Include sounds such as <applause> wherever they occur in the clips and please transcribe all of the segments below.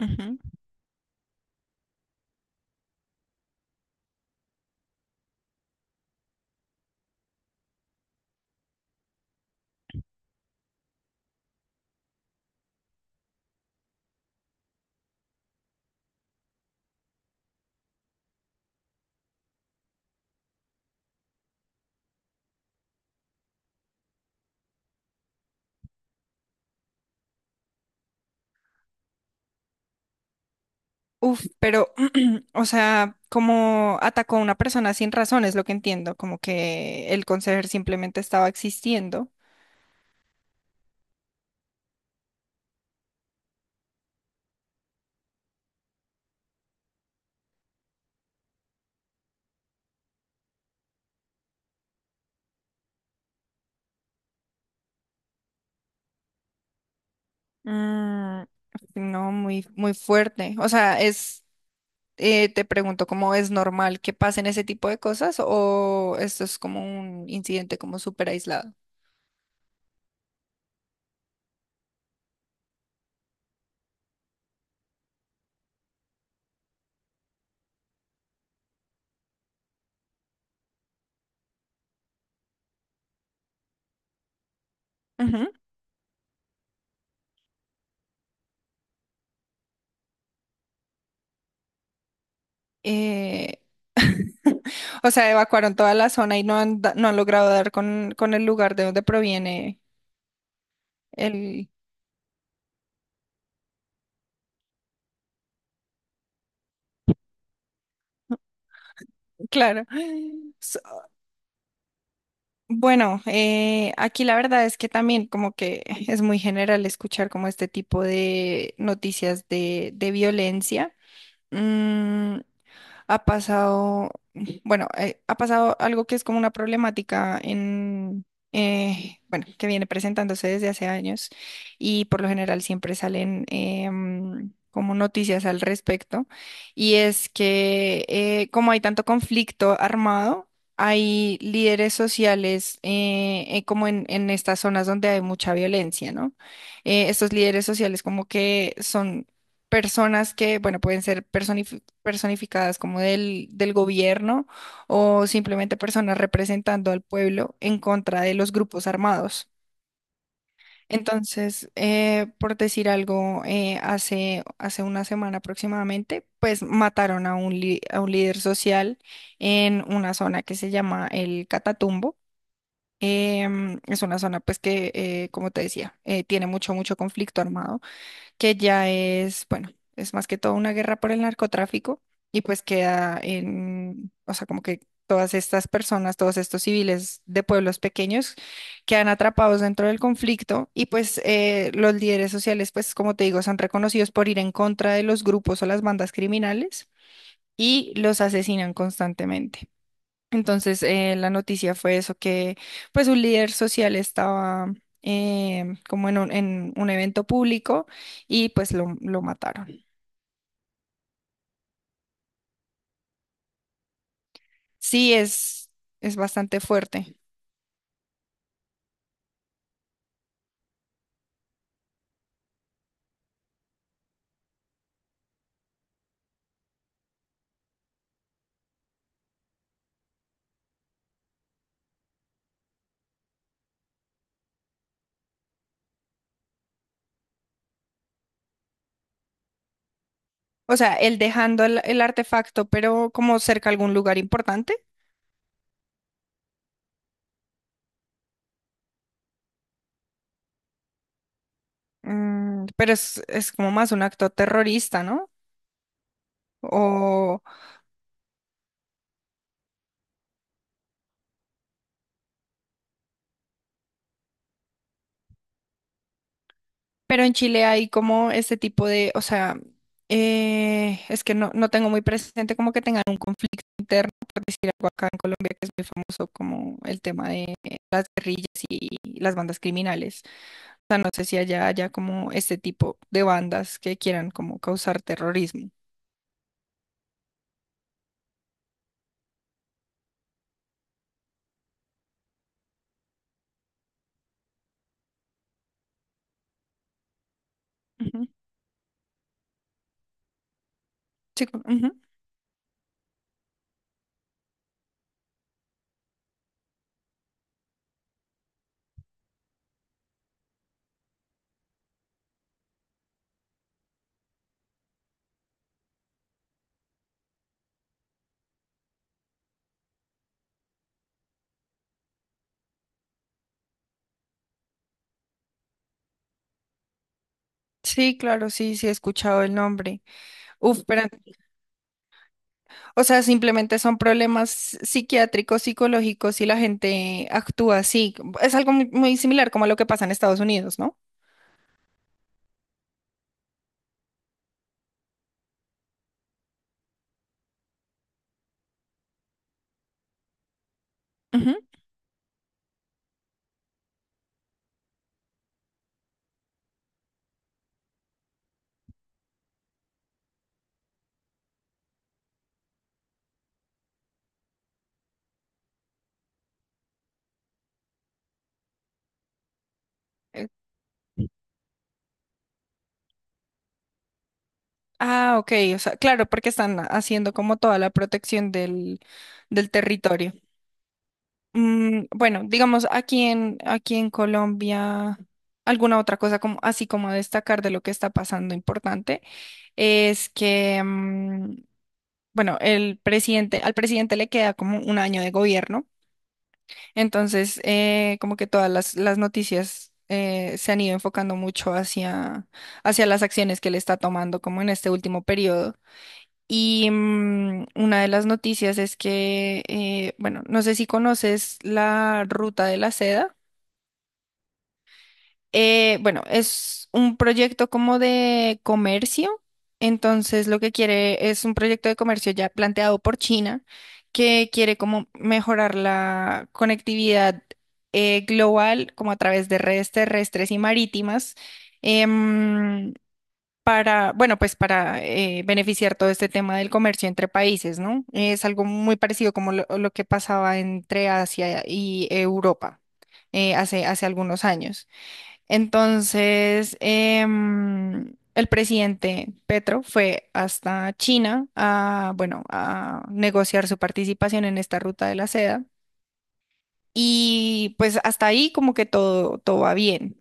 Ujú. Uf, pero, <clears throat> o sea, como atacó a una persona sin razón, es lo que entiendo, como que el conserje simplemente estaba existiendo. Mm, no, muy fuerte. O sea, te pregunto, ¿cómo es normal que pasen ese tipo de cosas o esto es como un incidente como súper aislado? Ujú. Eh, <laughs> o sea, evacuaron toda la zona y no han logrado dar con el lugar de donde proviene el... <laughs> Claro. Bueno, aquí la verdad es que también como que <laughs> es muy general escuchar como este tipo de noticias de violencia. Mm, ha ha pasado algo que es como una problemática en, bueno, que viene presentándose desde hace años y por lo general siempre salen como noticias al respecto y es que como hay tanto conflicto armado, hay líderes sociales en estas zonas donde hay mucha violencia, ¿no? Estos líderes sociales como que son personas que, bueno, pueden ser personas personificadas como del gobierno o simplemente personas representando al pueblo en contra de los grupos armados. Entonces, por decir algo, hace una semana aproximadamente, pues mataron a a un líder social en una zona que se llama el Catatumbo. Em, es una zona pues que, como te decía, tiene mucho conflicto armado que ya es, bueno, es más que todo una guerra por el narcotráfico y pues queda en, o sea, como que todas estas personas, todos estos civiles de pueblos pequeños quedan atrapados dentro del conflicto y pues los líderes sociales, pues como te digo, son reconocidos por ir en contra de los grupos o las bandas criminales y los asesinan constantemente. Entonces, la noticia fue eso, que pues un líder social estaba como en en un evento público y pues lo mataron. Sí, es bastante fuerte. O sea, él dejando el artefacto, pero como cerca a algún lugar importante. Mm, pero es como más un acto terrorista, ¿no? O pero en Chile hay como este tipo de, o sea, es que no, no tengo muy presente como que tengan un conflicto interno, por decir algo acá en Colombia, que es muy famoso como el tema de las guerrillas y las bandas criminales. O sea, no sé si allá haya como este tipo de bandas que quieran como causar terrorismo. Ujú. Sí, co- ujú. Sí, claro, sí, sí he escuchado el nombre. Uf, pero o sea, simplemente son problemas psiquiátricos, psicológicos y la gente actúa así. Es algo muy similar como a lo que pasa en Estados Unidos, ¿no? Ujú. Eh, Ah, ok. O sea, claro, porque están haciendo como toda la protección del territorio. Mm, bueno, digamos, aquí en Colombia, alguna otra cosa como, así como a destacar de lo que está pasando importante es que, mm, bueno, al presidente le queda como un año de gobierno. Entonces, como que todas las noticias se han ido enfocando mucho hacia las acciones que él está tomando, como en este último periodo. Y mm, una de las noticias es que, bueno, no sé si conoces la ruta de la seda. Bueno, es un proyecto como de comercio. Entonces, lo que quiere es un proyecto de comercio ya planteado por China, que quiere como mejorar la conectividad global, como a través de redes terrestres y marítimas, em, para, bueno, pues para beneficiar todo este tema del comercio entre países, ¿no? Es algo muy parecido como lo que pasaba entre Asia y Europa hace algunos años. Entonces, em, el presidente Petro fue hasta China a, bueno, a negociar su participación en esta ruta de la seda. Y pues hasta ahí como que todo, todo va bien.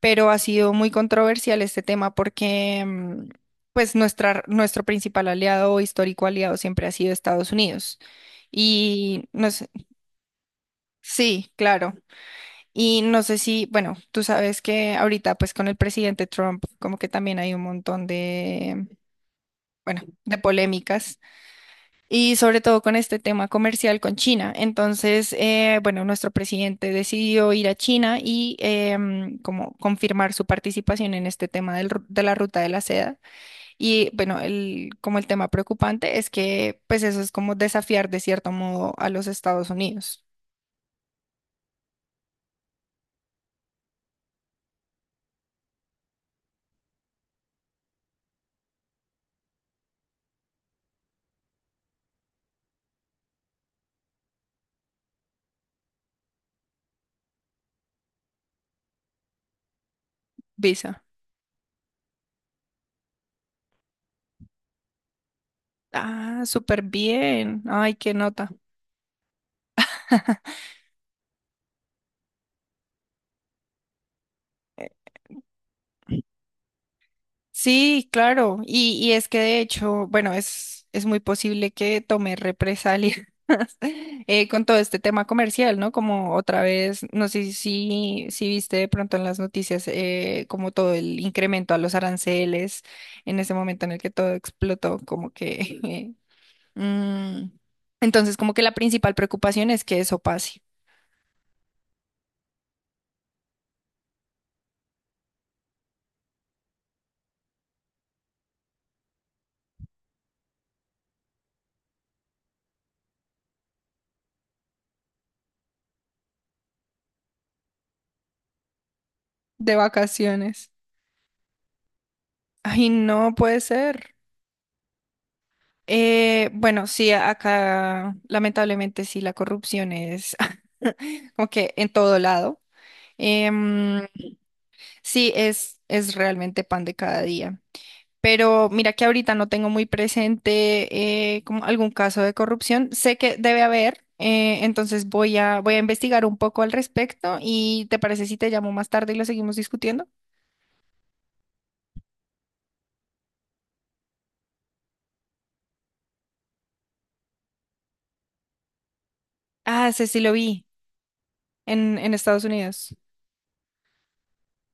Pero ha sido muy controversial este tema porque mm, pues nuestro principal aliado o histórico aliado siempre ha sido Estados Unidos. Y no sé, sí, claro. Y no sé si, bueno, tú sabes que ahorita pues con el presidente Trump como que también hay un montón de, bueno, de polémicas y sobre todo con este tema comercial con China. Entonces, bueno, nuestro presidente decidió ir a China y em, como confirmar su participación en este tema de la ruta de la seda. Y bueno, como el tema preocupante es que pues eso es como desafiar de cierto modo a los Estados Unidos. Visa. Ah, súper bien. Ay, qué nota. Sí, claro. Y es que de hecho, bueno, es muy posible que tome represalias <laughs> con todo este tema comercial, ¿no? Como otra vez, no sé si, si viste de pronto en las noticias como todo el incremento a los aranceles en ese momento en el que todo explotó, como que... <laughs> eh, mm. Entonces, como que la principal preocupación es que eso pase de vacaciones. Ay, no puede ser. Bueno, sí, a- acá lamentablemente sí, la corrupción es <laughs> como que en todo lado. Em, sí, es realmente pan de cada día. Pero mira que ahorita no tengo muy presente como algún caso de corrupción. Sé que debe haber, entonces voy a investigar un poco al respecto y ¿te parece si te llamo más tarde y lo seguimos discutiendo? Ah, ese sí lo vi en Estados Unidos.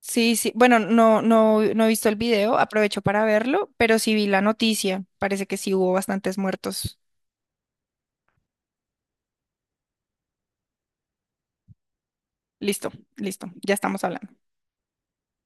Sí, sí. Bueno, no he visto el video, aprovecho para verlo, pero sí vi la noticia. Parece que sí hubo bastantes muertos. Listo, listo, ya estamos hablando.